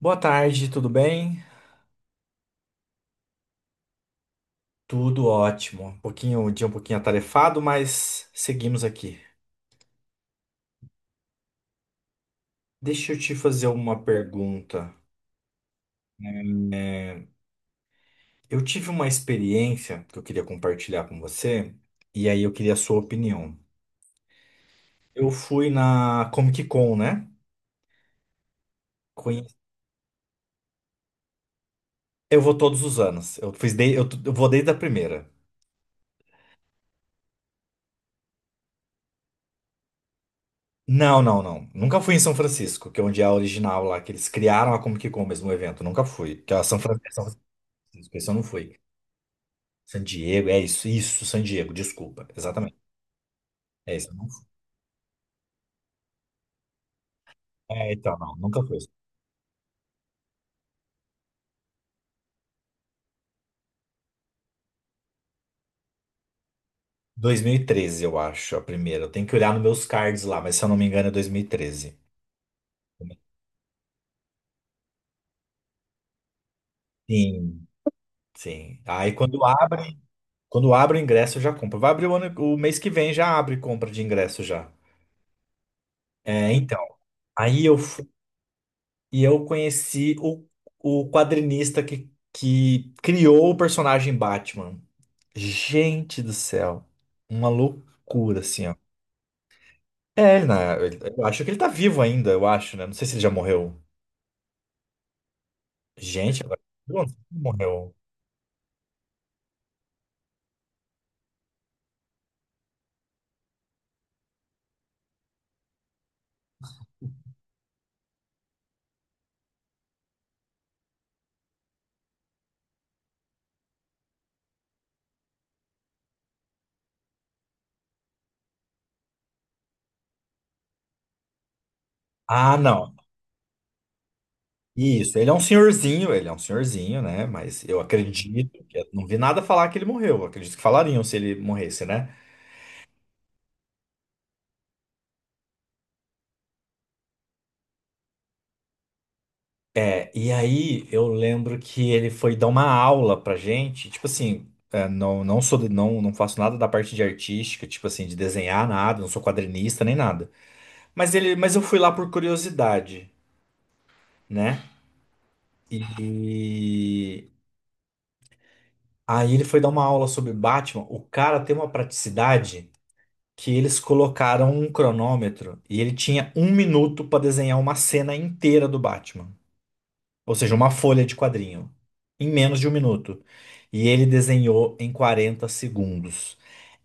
Boa tarde, tudo bem? Tudo ótimo. Um pouquinho, um dia um pouquinho atarefado, mas seguimos aqui. Deixa eu te fazer uma pergunta. Eu tive uma experiência que eu queria compartilhar com você, e aí eu queria a sua opinião. Eu fui na Comic Con, né? Conhe- Eu vou todos os anos. Eu fiz de... eu t- eu vou desde a primeira. Não, não, não. Nunca fui em São Francisco, que é onde é a original lá, que eles criaram a Comic Con mesmo, o evento. Nunca fui. Que é a São Fran- São Francisco, esse eu não fui. San Diego, é isso, isso, San Diego, desculpa, exatamente. É isso, eu não fui. É, então, não, nunca foi. 2013, eu acho, a primeira. Eu tenho que olhar nos meus cards lá, mas se eu não me engano é 2013. Sim, sim. Quando abre o ingresso, eu já compro. Vai abrir o ano, o mês que vem, já abre compra de ingresso já. É, então, aí eu fui, e eu conheci o quadrinista que criou o personagem Batman. Gente do céu, uma loucura, assim. É, eu acho que ele tá vivo ainda, eu acho, né? Não sei se ele já morreu. Gente, agora. Não, ele morreu. Ah, não. Isso, ele é um senhorzinho, ele é um senhorzinho, né? Mas eu acredito que. Não vi nada falar que ele morreu. Eu acredito que falariam se ele morresse, né? É, e aí eu lembro que ele foi dar uma aula pra gente, tipo assim. É, não, não sou, não, não faço nada da parte de artística, tipo assim, de desenhar nada, não sou quadrinista nem nada. Mas eu fui lá por curiosidade, né? E aí ele foi dar uma aula sobre Batman. O cara tem uma praticidade que eles colocaram um cronômetro e ele tinha 1 minuto para desenhar uma cena inteira do Batman. Ou seja, uma folha de quadrinho. Em menos de 1 minuto. E ele desenhou em 40 segundos.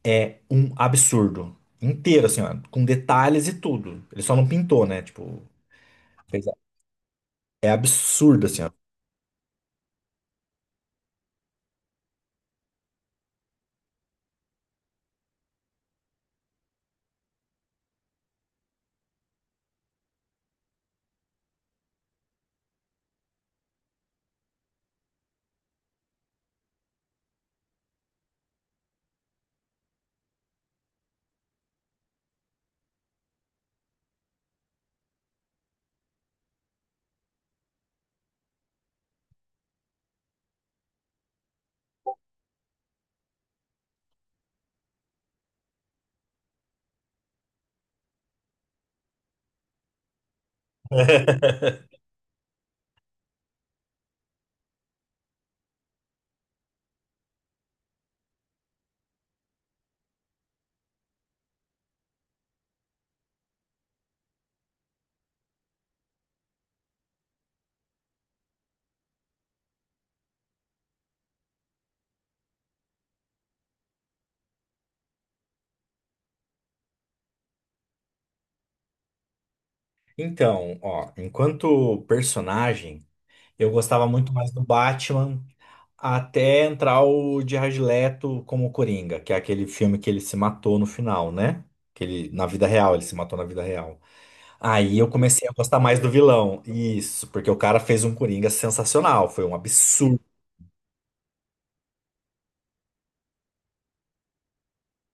É um absurdo. Inteiro, assim, ó, com detalhes e tudo. Ele só não pintou, né? Tipo, fez- é absurdo, assim, ó. Então, ó, enquanto personagem. Eu gostava muito mais do Batman até entrar o Jared Leto como Coringa, que é aquele filme que ele se matou no final, né? Que ele, na vida real, ele se matou na vida real. Aí eu comecei a gostar mais do vilão. Isso, porque o cara fez um Coringa sensacional, foi um absurdo.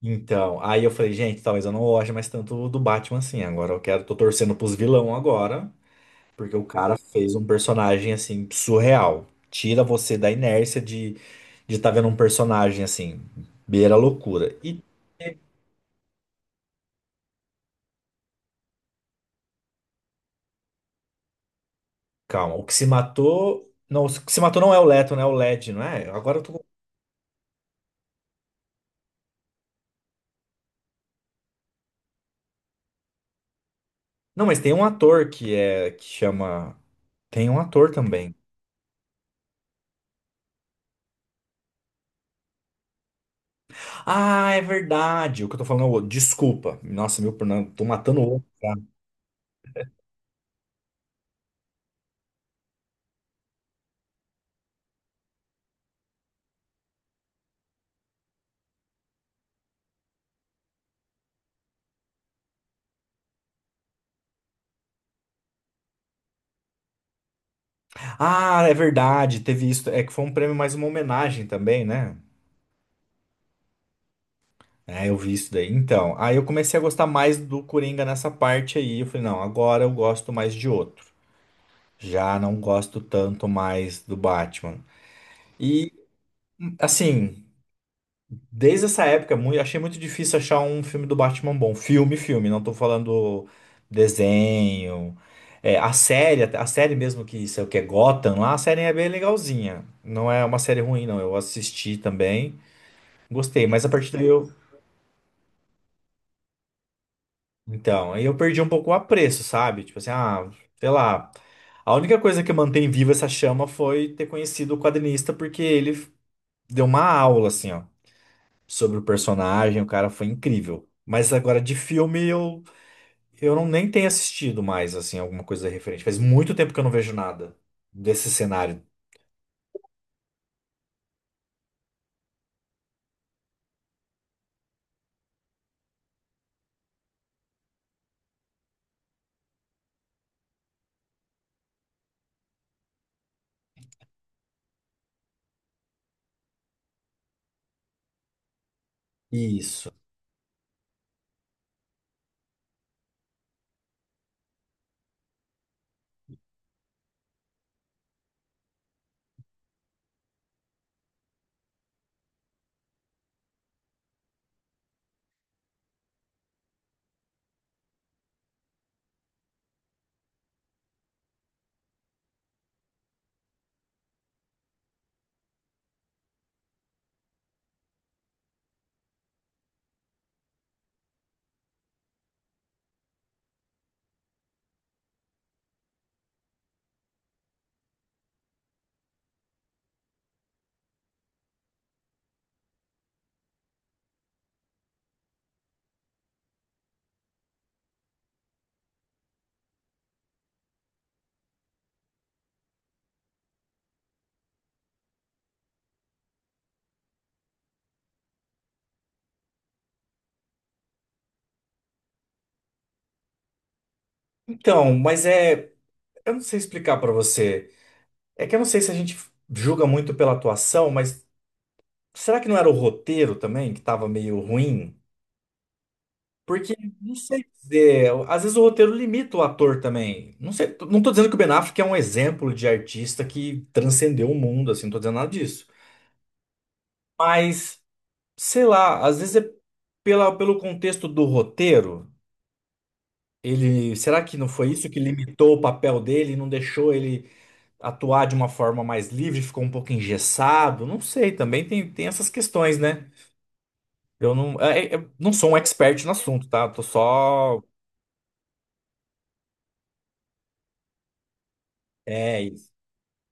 Então, aí eu falei, gente, talvez eu não goste mais tanto do Batman assim. Agora eu quero, tô torcendo pros vilão agora. Porque o cara fez um personagem assim surreal. Tira você da inércia de estar vendo um personagem assim, beira a loucura. E calma, o que se matou, não, o que se matou não é o Leto, né? É o Led, não é? Agora eu tô. Não, mas tem um ator também. Ah, é verdade. O que eu tô falando é o outro. Desculpa. Nossa, meu, não, tô matando o outro cara. Ah, é verdade. Teve isso. É que foi um prêmio mais uma homenagem também, né? É, eu vi isso daí. Então, aí eu comecei a gostar mais do Coringa nessa parte aí. Eu falei, não, agora eu gosto mais de outro. Já não gosto tanto mais do Batman. E, assim, desde essa época, achei muito difícil achar um filme do Batman bom. Filme, filme, não tô falando desenho. É, a série mesmo que isso é o que é Gotham lá, a série é bem legalzinha. Não é uma série ruim, não. Eu assisti também, gostei, mas a partir daí eu. Então, aí eu perdi um pouco o apreço, sabe? Tipo assim, ah, sei lá. A única coisa que mantém viva essa chama foi ter conhecido o quadrinista, porque ele deu uma aula, assim, ó, sobre o personagem, o cara foi incrível. Mas agora de filme eu não nem tenho assistido mais, assim, alguma coisa referente. Faz muito tempo que eu não vejo nada desse cenário. Isso. Então, mas é. Eu não sei explicar pra você. É que eu não sei se a gente julga muito pela atuação, mas. Será que não era o roteiro também que estava meio ruim? Porque, não sei dizer, às vezes o roteiro limita o ator também. Não sei, não tô dizendo que o Ben Affleck é um exemplo de artista que transcendeu o mundo, assim, não tô dizendo nada disso. Mas, sei lá, às vezes é pelo contexto do roteiro, ele, será que não foi isso que limitou o papel dele, e não deixou ele atuar de uma forma mais livre, ficou um pouco engessado? Não sei, também tem, tem essas questões, né? Eu não, não sou um expert no assunto, tá? Eu tô só, é, isso,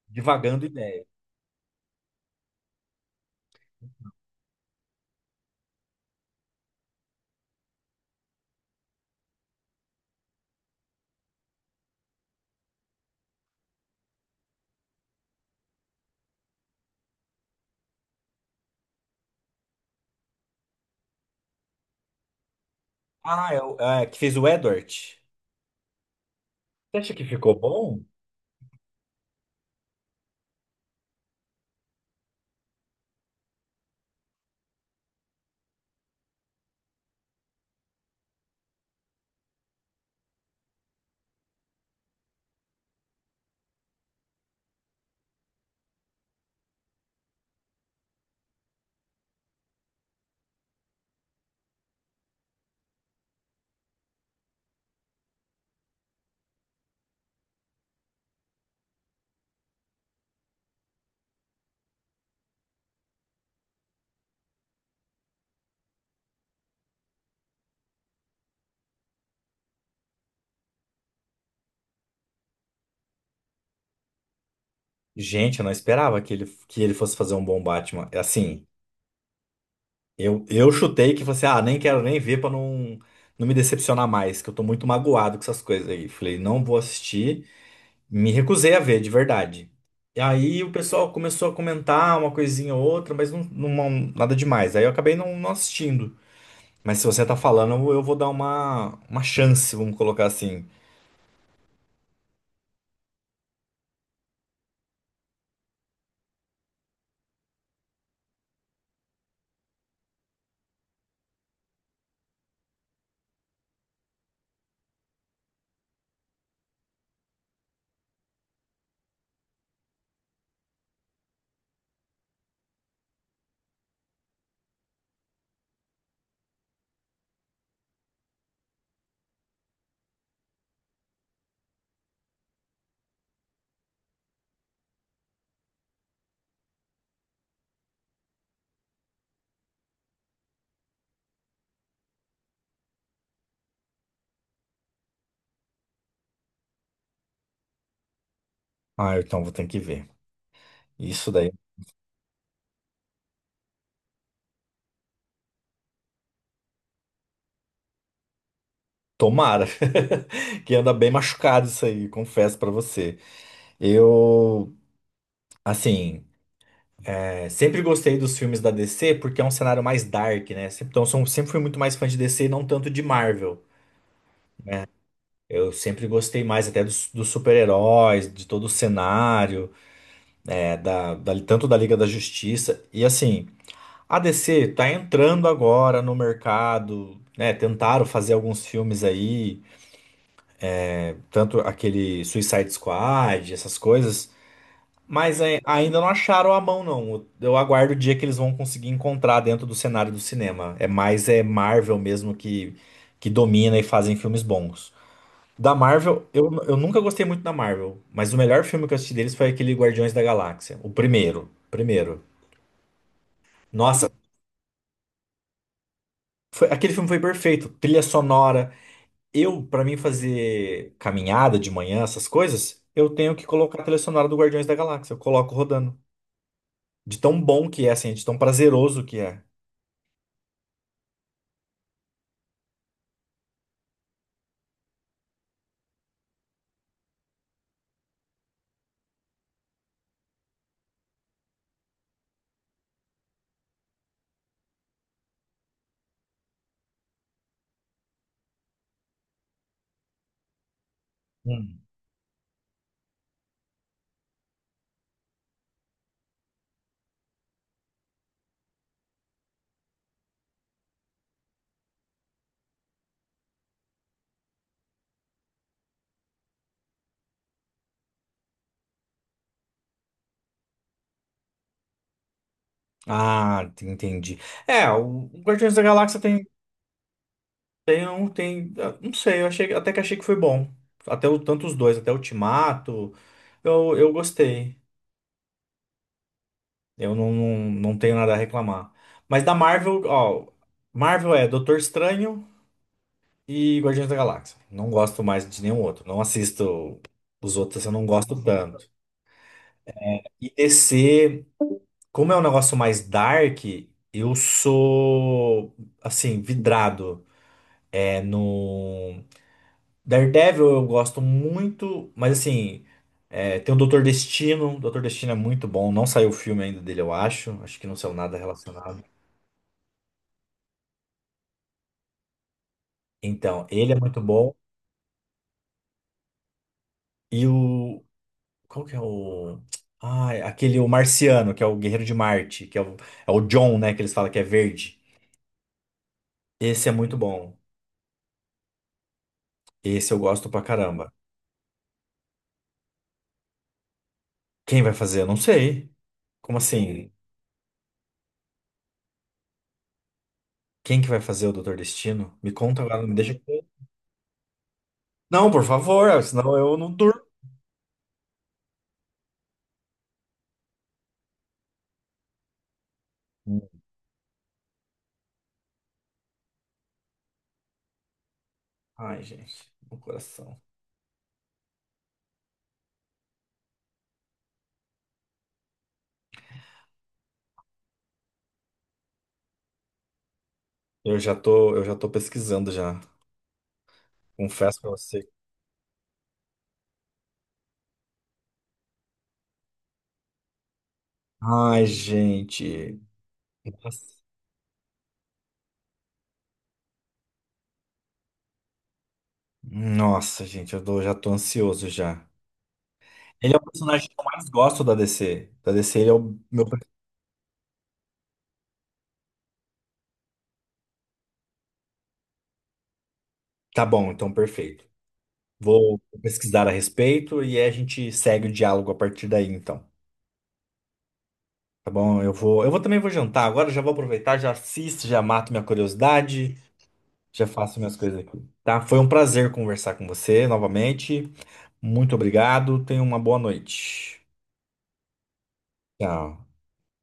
divagando ideia. Ah, é, é, que fez o Edward. Você acha que ficou bom? Gente, eu não esperava que ele fosse fazer um bom Batman. É assim, eu chutei que fosse, ah, nem quero nem ver pra não, não me decepcionar mais, que eu tô muito magoado com essas coisas aí. Falei, não vou assistir. Me recusei a ver, de verdade. E aí o pessoal começou a comentar uma coisinha ou outra, mas nada demais. Aí eu acabei não, não assistindo. Mas se você tá falando, eu vou dar uma chance, vamos colocar assim. Ah, então vou ter que ver. Isso daí, tomara. Que anda bem machucado isso aí, confesso pra você. Eu, assim, é, sempre gostei dos filmes da DC porque é um cenário mais dark, né? Então, sou, sempre fui muito mais fã de DC e não tanto de Marvel. Eu sempre gostei mais até dos, dos super-heróis, de todo o cenário, é, tanto da Liga da Justiça. E assim. A DC tá entrando agora no mercado, né? Tentaram fazer alguns filmes aí, tanto aquele Suicide Squad, essas coisas, mas é, ainda não acharam a mão, não. Eu aguardo o dia que eles vão conseguir encontrar dentro do cenário do cinema. É mais é Marvel mesmo que domina e fazem filmes bons. Da Marvel, eu nunca gostei muito da Marvel, mas o melhor filme que eu assisti deles foi aquele Guardiões da Galáxia, o primeiro, primeiro. Nossa, aquele filme foi perfeito. Trilha sonora. Eu, pra mim fazer caminhada de manhã, essas coisas, eu tenho que colocar a trilha sonora do Guardiões da Galáxia. Eu coloco rodando. De tão bom que é, assim, de tão prazeroso que é. Hum. Entendi. É, o Guardiões da Galáxia tem ah, não sei, eu achei, até que achei que foi bom. Até o, tanto os dois, até o Ultimato, eu gostei. Eu não, não, não tenho nada a reclamar. Mas da Marvel, ó, Marvel é Doutor Estranho, e Guardiões da Galáxia. Não gosto mais de nenhum outro. Não assisto os outros, eu não gosto tanto. E DC, como é um negócio mais dark, eu sou, assim, vidrado. É, no Daredevil eu gosto muito, mas assim, é, tem o Doutor Destino. O Doutor Destino é muito bom. Não saiu o filme ainda dele, eu acho. Acho que não saiu nada relacionado. Então, ele é muito bom. E o Qual que é o. Ai, aquele o marciano, que é o Guerreiro de Marte, é o John, né? Que eles falam que é verde. Esse é muito bom. Esse eu gosto pra caramba. Quem vai fazer? Eu não sei. Como assim? Quem que vai fazer o Doutor Destino? Me conta agora, não me deixa. Não, por favor, é, senão eu não durmo. Ai, gente, meu coração. Eu já tô pesquisando já. Confesso pra você. Ai, gente. Nossa, nossa, gente, já tô ansioso já. Ele é o personagem que eu mais gosto da DC. Da DC, ele é o meu. Tá bom, então perfeito. Vou pesquisar a respeito e a gente segue o diálogo a partir daí, então. Tá bom? Eu vou também vou jantar agora, já vou aproveitar, já assisto, já mato minha curiosidade, já faço minhas coisas aqui. Tá? Foi um prazer conversar com você novamente. Muito obrigado. Tenha uma boa noite. Tchau.